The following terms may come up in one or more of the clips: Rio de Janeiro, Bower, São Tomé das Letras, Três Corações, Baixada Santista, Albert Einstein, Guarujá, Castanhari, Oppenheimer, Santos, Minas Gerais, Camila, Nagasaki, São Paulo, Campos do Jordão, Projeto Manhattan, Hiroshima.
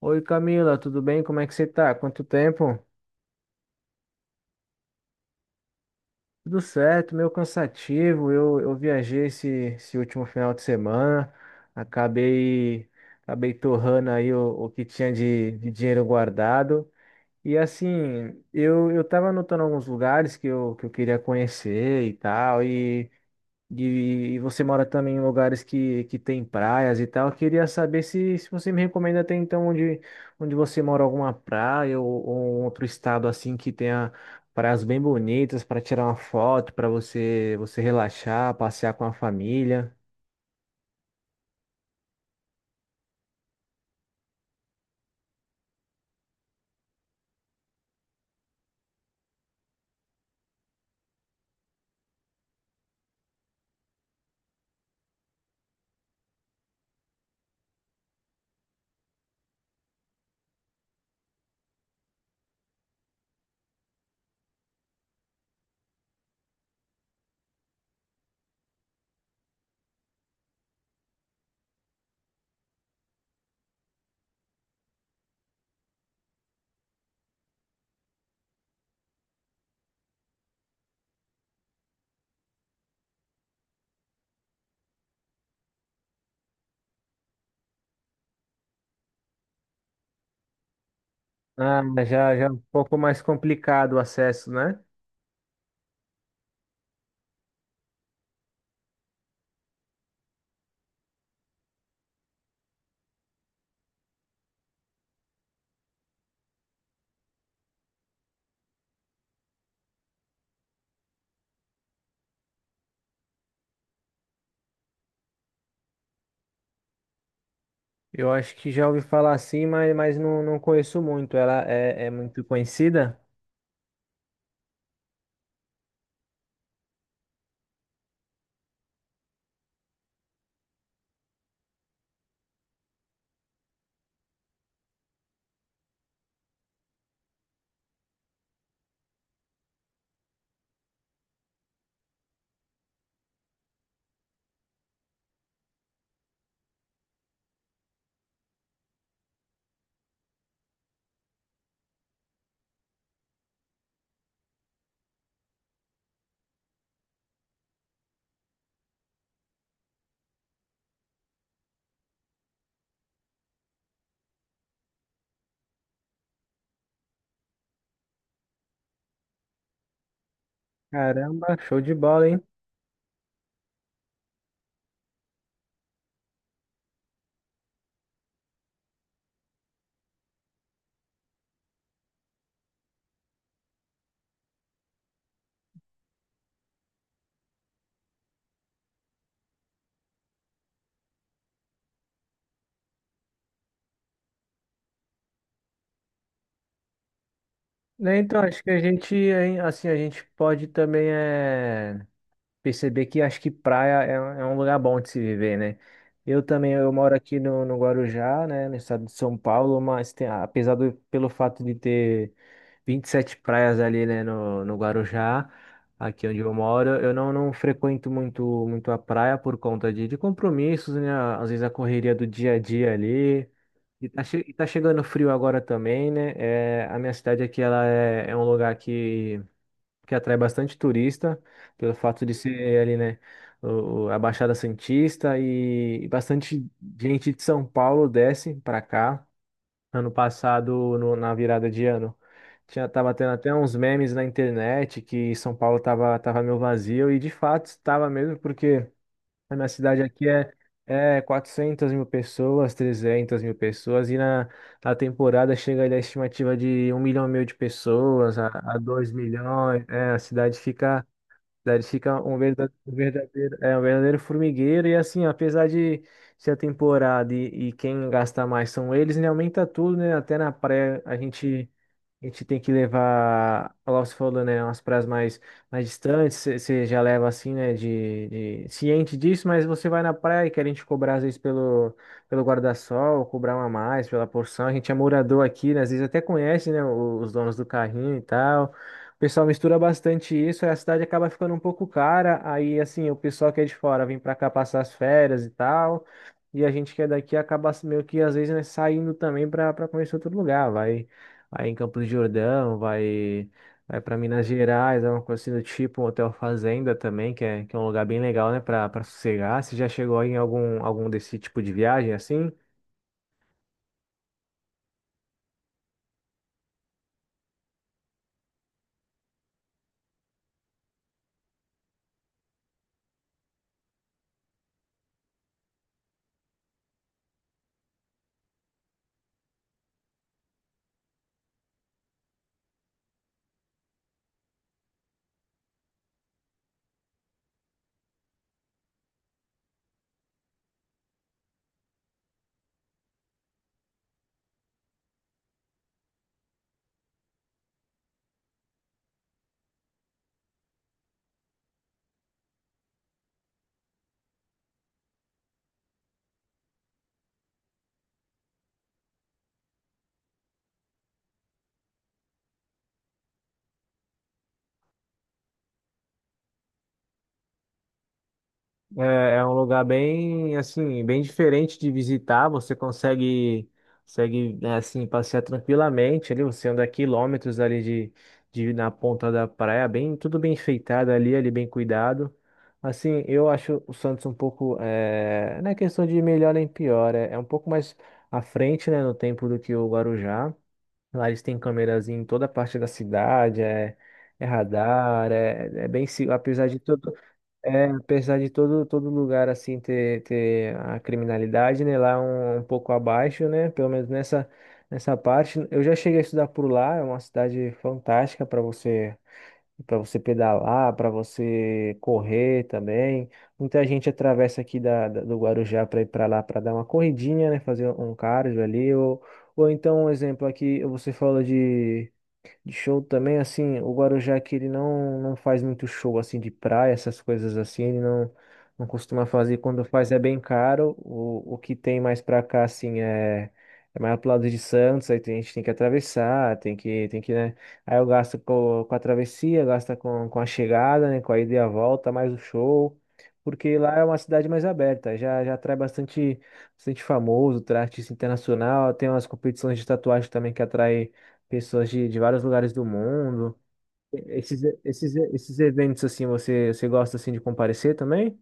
Oi Camila, tudo bem? Como é que você tá? Quanto tempo? Tudo certo, meio cansativo. Eu viajei esse último final de semana, acabei, acabei torrando aí o que tinha de dinheiro guardado. E assim, eu tava anotando alguns lugares que eu queria conhecer e tal. E você mora também em lugares que tem praias e tal. Eu queria saber se você me recomenda até então onde você mora, alguma praia ou um outro estado assim que tenha praias bem bonitas para tirar uma foto, para você relaxar, passear com a família. Ah, já é um pouco mais complicado o acesso, né? Eu acho que já ouvi falar assim, mas não conheço muito. Ela é muito conhecida? Caramba, show de bola, hein? Né, então, acho que a gente, hein, assim, a gente pode também é, perceber que acho que praia é um lugar bom de se viver, né? Eu também, eu moro aqui no Guarujá, né, no estado de São Paulo, mas tem, apesar do, pelo fato de ter 27 praias ali, né, no Guarujá, aqui onde eu moro, eu não frequento muito, muito a praia por conta de compromissos, né? Às vezes a correria do dia a dia ali. E tá chegando frio agora também, né? É, a minha cidade aqui, ela é um lugar que atrai bastante turista, pelo fato de ser ali, né, a Baixada Santista e bastante gente de São Paulo desce pra cá. Ano passado, na virada de ano, tava tendo até uns memes na internet que São Paulo tava meio vazio, e de fato estava mesmo, porque a minha cidade aqui é 400 mil pessoas, 300 mil pessoas, e na temporada chega ali a estimativa de 1,5 milhão de pessoas a 2 milhões. É, a cidade fica um verdadeiro formigueiro. E assim, apesar de ser a temporada e quem gasta mais são eles, né, aumenta tudo, né? Até na praia a gente. A gente tem que levar, lá você falou, né, umas praias mais distantes, você já leva assim, né, ciente disso, mas você vai na praia e querem te cobrar às vezes pelo guarda-sol, cobrar uma a mais pela porção, a gente é morador aqui, né, às vezes até conhece, né, os donos do carrinho e tal, o pessoal mistura bastante isso, aí a cidade acaba ficando um pouco cara, aí assim, o pessoal que é de fora vem pra cá passar as férias e tal, e a gente que é daqui acaba assim, meio que às vezes, né, saindo também pra conhecer outro lugar, vai aí em Campos do Jordão, vai para Minas Gerais, é uma coisa assim do tipo, um hotel fazenda também, que é um lugar bem legal, né, para sossegar. Você já chegou aí em algum desse tipo de viagem assim? É um lugar bem, assim, bem diferente de visitar. Consegue, né, assim, passear tranquilamente ali. Você anda quilômetros ali de na ponta da praia, bem, tudo bem enfeitado ali bem cuidado. Assim, eu acho o Santos um pouco, é, não é questão de melhor nem pior, é um pouco mais à frente, né, no tempo do que o Guarujá. Lá eles têm câmeras em toda parte da cidade, é radar, é bem, apesar de tudo. É, apesar de todo lugar assim ter a criminalidade, né, lá um pouco abaixo, né, pelo menos nessa parte. Eu já cheguei a estudar por lá, é uma cidade fantástica para você pedalar, para você correr também. Muita gente atravessa aqui do Guarujá para ir para lá para dar uma corridinha, né, fazer um cardio ali ou então um exemplo aqui, você falou de show também, assim, o Guarujá que ele não faz muito show, assim, de praia, essas coisas assim, ele não costuma fazer. Quando faz é bem caro. O que tem mais pra cá, assim, é mais pro lado de Santos, a gente tem que atravessar, tem que, né? Aí eu gasto com a travessia, gasta com a chegada, né? Com a ida e a volta, mais o show. Porque lá é uma cidade mais aberta, já atrai bastante, bastante famoso, traz artista internacional, tem umas competições de tatuagem também que atrai pessoas de vários lugares do mundo. Esses eventos assim, você gosta assim de comparecer também?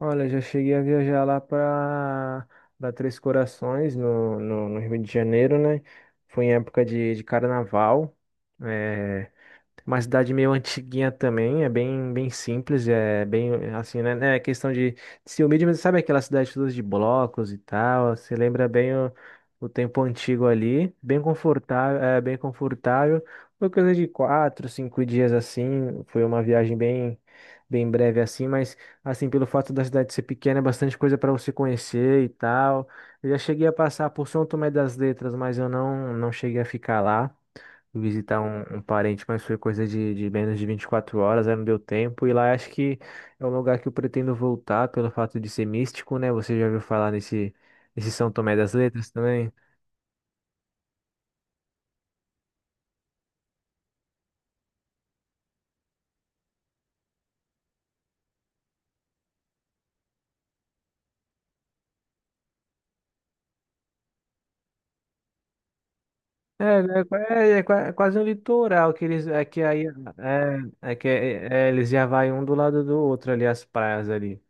Olha, já cheguei a viajar lá para Três Corações, no Rio de Janeiro, né? Foi em época de carnaval. É, Uma cidade meio antiguinha também, é bem simples, é bem assim, né? É questão de ser humilde, mas sabe aquelas cidades todas de blocos e tal? Você lembra bem o tempo antigo ali, bem confortável. Foi coisa de 4, 5 dias assim, foi uma viagem bem breve assim, mas assim, pelo fato da cidade ser pequena, é bastante coisa para você conhecer e tal. Eu já cheguei a passar por São Tomé das Letras, mas eu não cheguei a ficar lá visitar um parente, mas foi coisa de menos de 24 horas, aí não deu tempo. E lá acho que é um lugar que eu pretendo voltar pelo fato de ser místico, né? Você já ouviu falar nesse São Tomé das Letras também? É, né? É quase um litoral que eles é que aí eles já vai um do lado do outro ali as praias ali.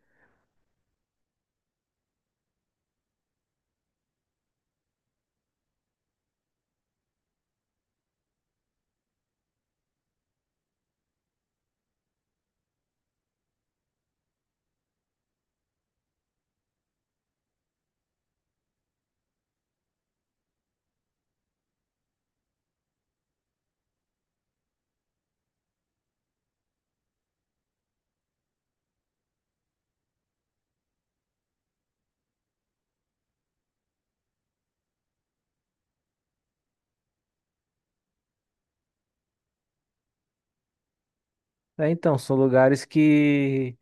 É, então são lugares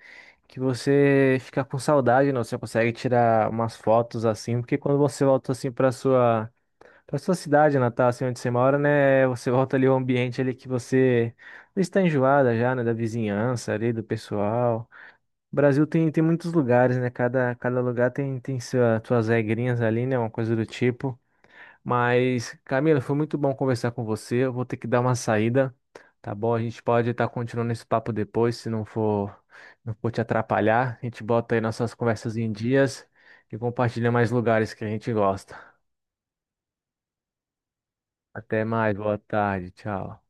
que você fica com saudade, não? Você consegue tirar umas fotos assim, porque quando você volta assim para sua cidade natal, assim onde você mora, né? Você volta ali ao ambiente ali que você está enjoada já, né? Da vizinhança ali, do pessoal. O Brasil tem muitos lugares, né? Cada lugar tem suas regrinhas ali, né? Uma coisa do tipo. Mas, Camila, foi muito bom conversar com você. Eu vou ter que dar uma saída, tá bom? A gente pode estar continuando esse papo depois, se não for, não for te atrapalhar. A gente bota aí nossas conversas em dias e compartilha mais lugares que a gente gosta. Até mais, boa tarde, tchau.